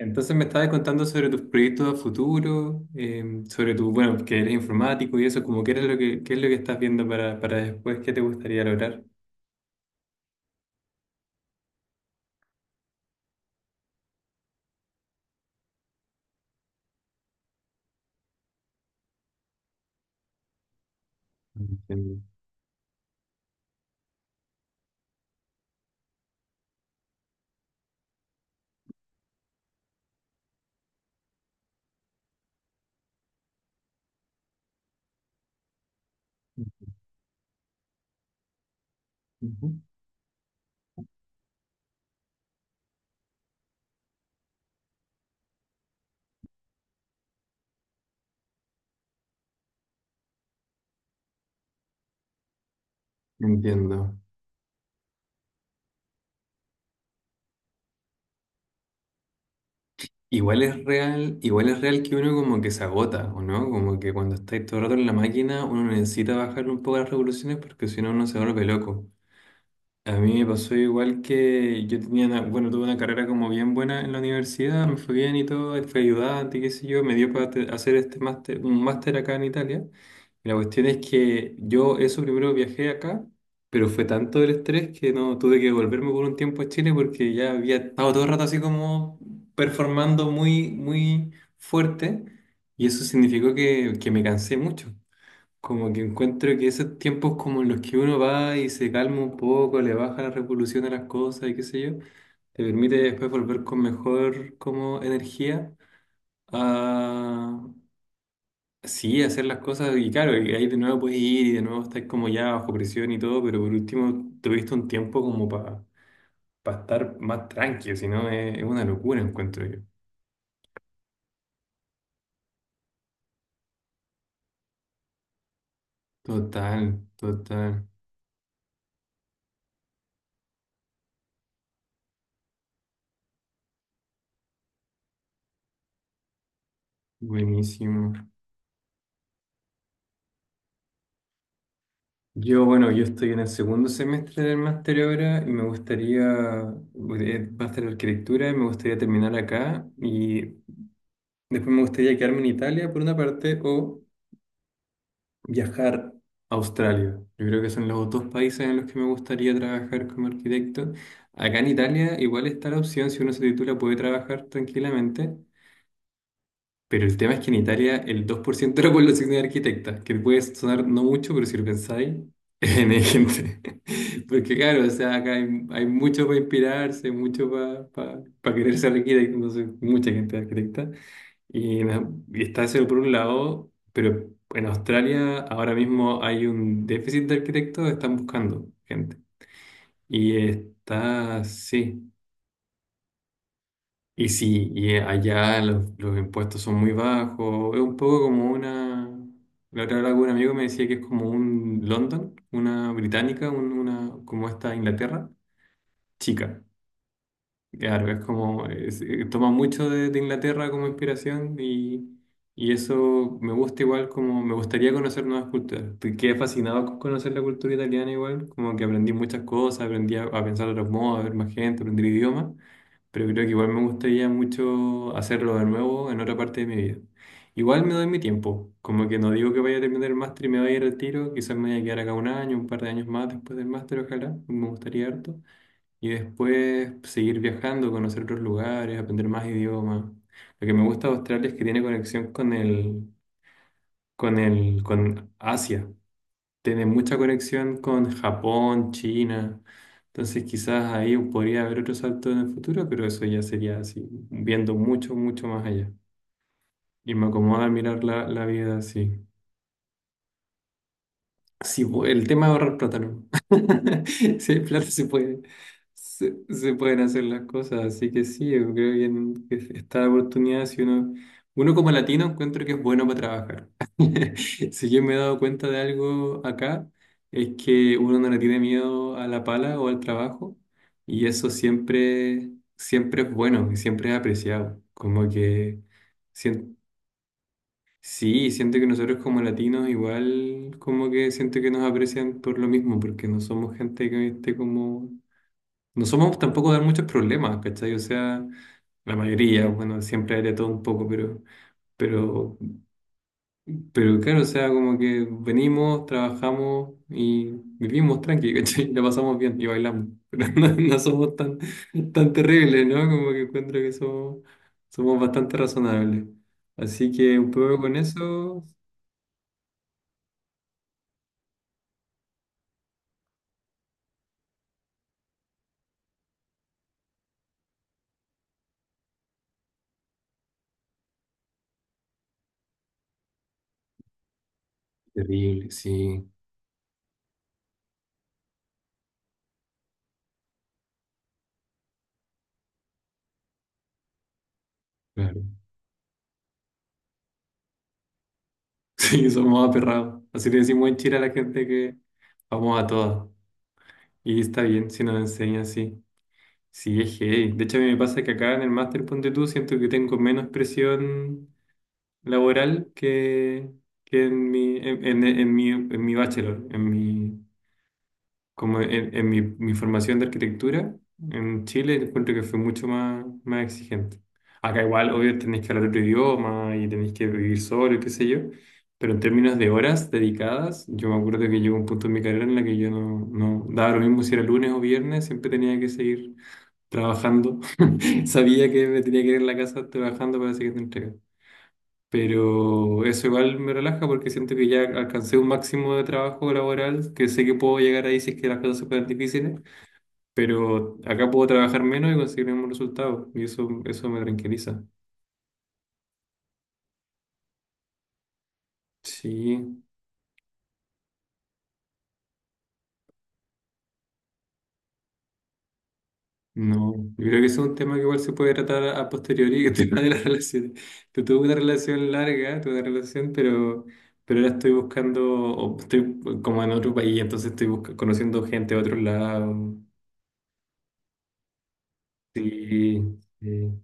Entonces me estabas contando sobre tus proyectos a futuro, sobre tu, bueno, que eres informático y eso, como qué es lo qué es lo que estás viendo para después, qué te gustaría lograr. Entiendo. Ujú. Entiendo. Igual es real que uno como que se agota, ¿o no? Como que cuando estáis todo el rato en la máquina, uno necesita bajar un poco las revoluciones porque si no, uno se vuelve loco. A mí me pasó igual que yo tenía una, bueno, tuve una carrera como bien buena en la universidad, me fue bien y todo, fui ayudante, qué sé yo, me dio para hacer este máster, un máster acá en Italia. Y la cuestión es que yo eso primero viajé acá, pero fue tanto el estrés que no tuve que volverme por un tiempo a Chile porque ya había estado todo el rato así como performando muy, muy fuerte y eso significó que me cansé mucho. Como que encuentro que esos tiempos como en los que uno va y se calma un poco, le baja la revolución a las cosas y qué sé yo, te permite después volver con mejor como energía a sí, hacer las cosas y claro, y ahí de nuevo puedes ir y de nuevo estás como ya bajo presión y todo, pero por último tuviste un tiempo como para estar más tranquilo, si no es, es una locura encuentro yo. Total, total, buenísimo. Yo, bueno, yo estoy en el segundo semestre del máster ahora y me gustaría, va a ser arquitectura y me gustaría terminar acá y después me gustaría quedarme en Italia por una parte o viajar a Australia. Yo creo que son los dos países en los que me gustaría trabajar como arquitecto. Acá en Italia igual está la opción, si uno se titula puede trabajar tranquilamente, pero el tema es que en Italia el 2% de la población es arquitecta, que puede sonar no mucho, pero si lo pensáis, en hay gente. Porque claro, o sea, acá hay, hay mucho para inspirarse, mucho para querer ser arquitecto, entonces mucha gente es arquitecta. Y, y está eso por un lado, pero en Australia ahora mismo hay un déficit de arquitectos, están buscando gente. Y está, sí. Y sí, y allá los impuestos son muy bajos. Es un poco como una. La otra vez algún amigo me decía que es como un London, una británica, una, como esta Inglaterra, chica. Claro, es como. Toma mucho de Inglaterra como inspiración y eso me gusta igual como. Me gustaría conocer nuevas culturas. Quedé fascinado con conocer la cultura italiana igual, como que aprendí muchas cosas, aprendí a pensar de otros modos, a ver más gente, aprendí idiomas pero creo que igual me gustaría mucho hacerlo de nuevo en otra parte de mi vida. Igual me doy mi tiempo, como que no digo que vaya a terminar el máster y me vaya a ir al tiro, quizás me vaya a quedar acá un año, un par de años más después del máster, ojalá, me gustaría harto. Y después seguir viajando, conocer otros lugares, aprender más idiomas. Lo que me gusta de Australia es que tiene conexión con el, con el, con Asia tiene mucha conexión con Japón, China. Entonces quizás ahí podría haber otro salto en el futuro, pero eso ya sería así, viendo mucho, mucho más allá. Y me acomoda mirar la, la vida así. Sí, el tema de ahorrar plata, ¿no? Sí, hay plata se puede, se pueden hacer las cosas, así que sí, yo creo que, que está la oportunidad si uno, uno como latino encuentro que es bueno para trabajar. Si yo me he dado cuenta de algo acá, es que uno no le tiene miedo a la pala o al trabajo, y eso siempre, siempre es bueno y siempre es apreciado. Como que sien- sí, siento que nosotros como latinos igual como que siento que nos aprecian por lo mismo, porque no somos gente que esté como... No somos tampoco de muchos problemas, ¿cachai? O sea, la mayoría, bueno, siempre hay de todo un poco, pero, pero claro, o sea, como que venimos, trabajamos y vivimos tranqui, ¿cachai? La pasamos bien y bailamos, pero no, no somos tan, tan terribles, ¿no? Como que encuentro que somos, somos bastante razonables. Así que un poco con eso terrible, sí, claro. Sí, somos aperrados. Así le decimos en Chile a la gente que vamos a todas. Y está bien si nos enseñan así. Sí, es heavy. De hecho, a mí me pasa que acá en el máster Ponte Tú siento que tengo menos presión laboral que en mi, en, en mi bachelor, en mi, como en mi, mi formación de arquitectura en Chile, encuentro que fue mucho más, más exigente. Acá igual, obvio, tenéis que hablar otro idioma y tenéis que vivir solo, y qué sé yo, pero en términos de horas dedicadas, yo me acuerdo que llegó un punto en mi carrera en la que yo no, no daba lo mismo si era lunes o viernes, siempre tenía que seguir trabajando. Sabía que me tenía que ir a la casa trabajando para la siguiente entrega. Pero eso igual me relaja porque siento que ya alcancé un máximo de trabajo laboral, que sé que puedo llegar ahí si es que las cosas se ponen difíciles pero acá puedo trabajar menos y conseguir el mismo resultado, y eso me tranquiliza. Sí, no, yo creo que ese es un tema que igual se puede tratar a posteriori, el tema de las relaciones. Yo tuve una relación larga, tuve una relación, pero ahora estoy buscando, o estoy como en otro país, entonces estoy conociendo gente de otro lado. Sí, sí,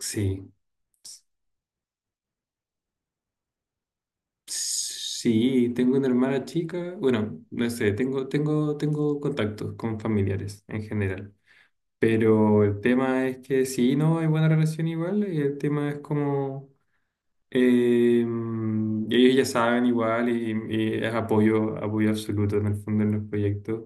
sí. Sí, tengo una hermana chica, bueno, no sé, tengo contactos con familiares en general. Pero el tema es que sí, no, hay buena relación igual, y el tema es como eh, ellos ya saben igual y es apoyo, apoyo absoluto en el fondo en los proyectos.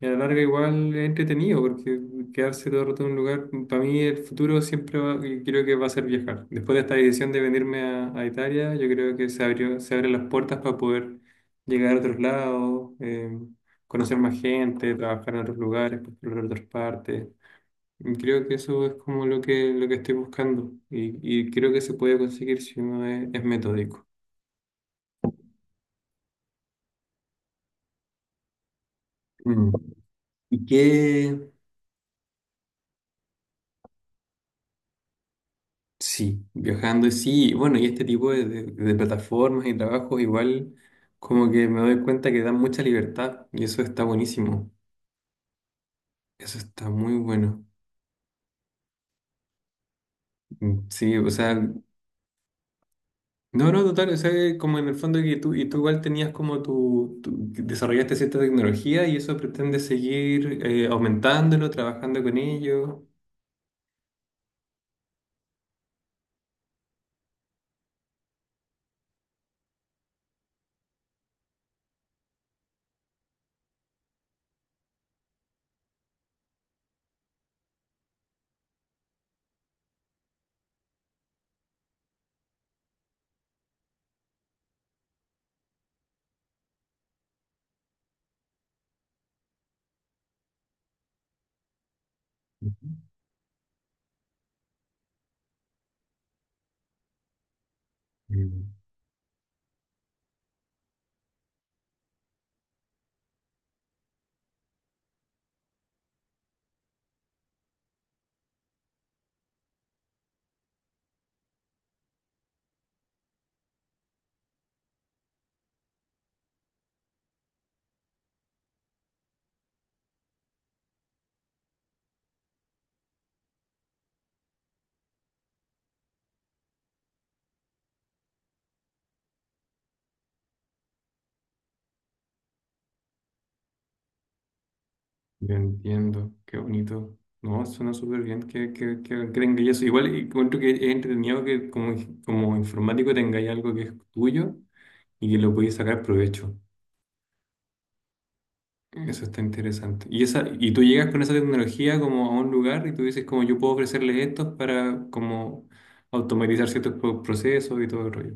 Y a la larga igual es entretenido, porque quedarse todo el rato en un lugar, para mí el futuro siempre y creo que va a ser viajar. Después de esta decisión de venirme a Italia, yo creo que se abrió, se abren las puertas para poder llegar a otros lados, conocer más gente, trabajar en otros lugares, explorar otras partes. Creo que eso es como lo que estoy buscando y creo que se puede conseguir si uno es metódico. Mm. Y que, sí, viajando, sí, y sí, bueno, y este tipo de, de plataformas y trabajos igual como que me doy cuenta que dan mucha libertad y eso está buenísimo, eso está muy bueno. Mm, sí, o sea, no, no, total, o sea, que como en el fondo que tú, y tú igual tenías como tu, que desarrollaste cierta tecnología y eso pretende seguir aumentándolo, trabajando con ello. Ujú. Mm, yo entiendo, qué bonito. No, suena súper bien que tengáis eso. Igual y encuentro que es entretenido que como, como informático tengáis algo que es tuyo y que lo podéis sacar provecho. Eso está interesante. Y esa, y tú llegas con esa tecnología como a un lugar y tú dices como yo puedo ofrecerles esto para como automatizar ciertos procesos y todo el rollo.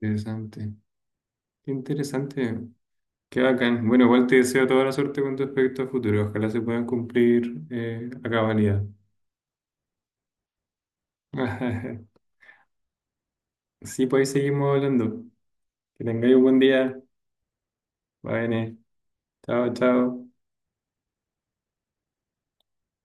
Interesante. Qué interesante. Qué bacán. Bueno, igual te deseo toda la suerte con respecto a futuro. Ojalá se puedan cumplir a cabalidad. Sí, pues ahí seguimos hablando. Que tengáis un buen día. Bye, Nene. Chao, chao.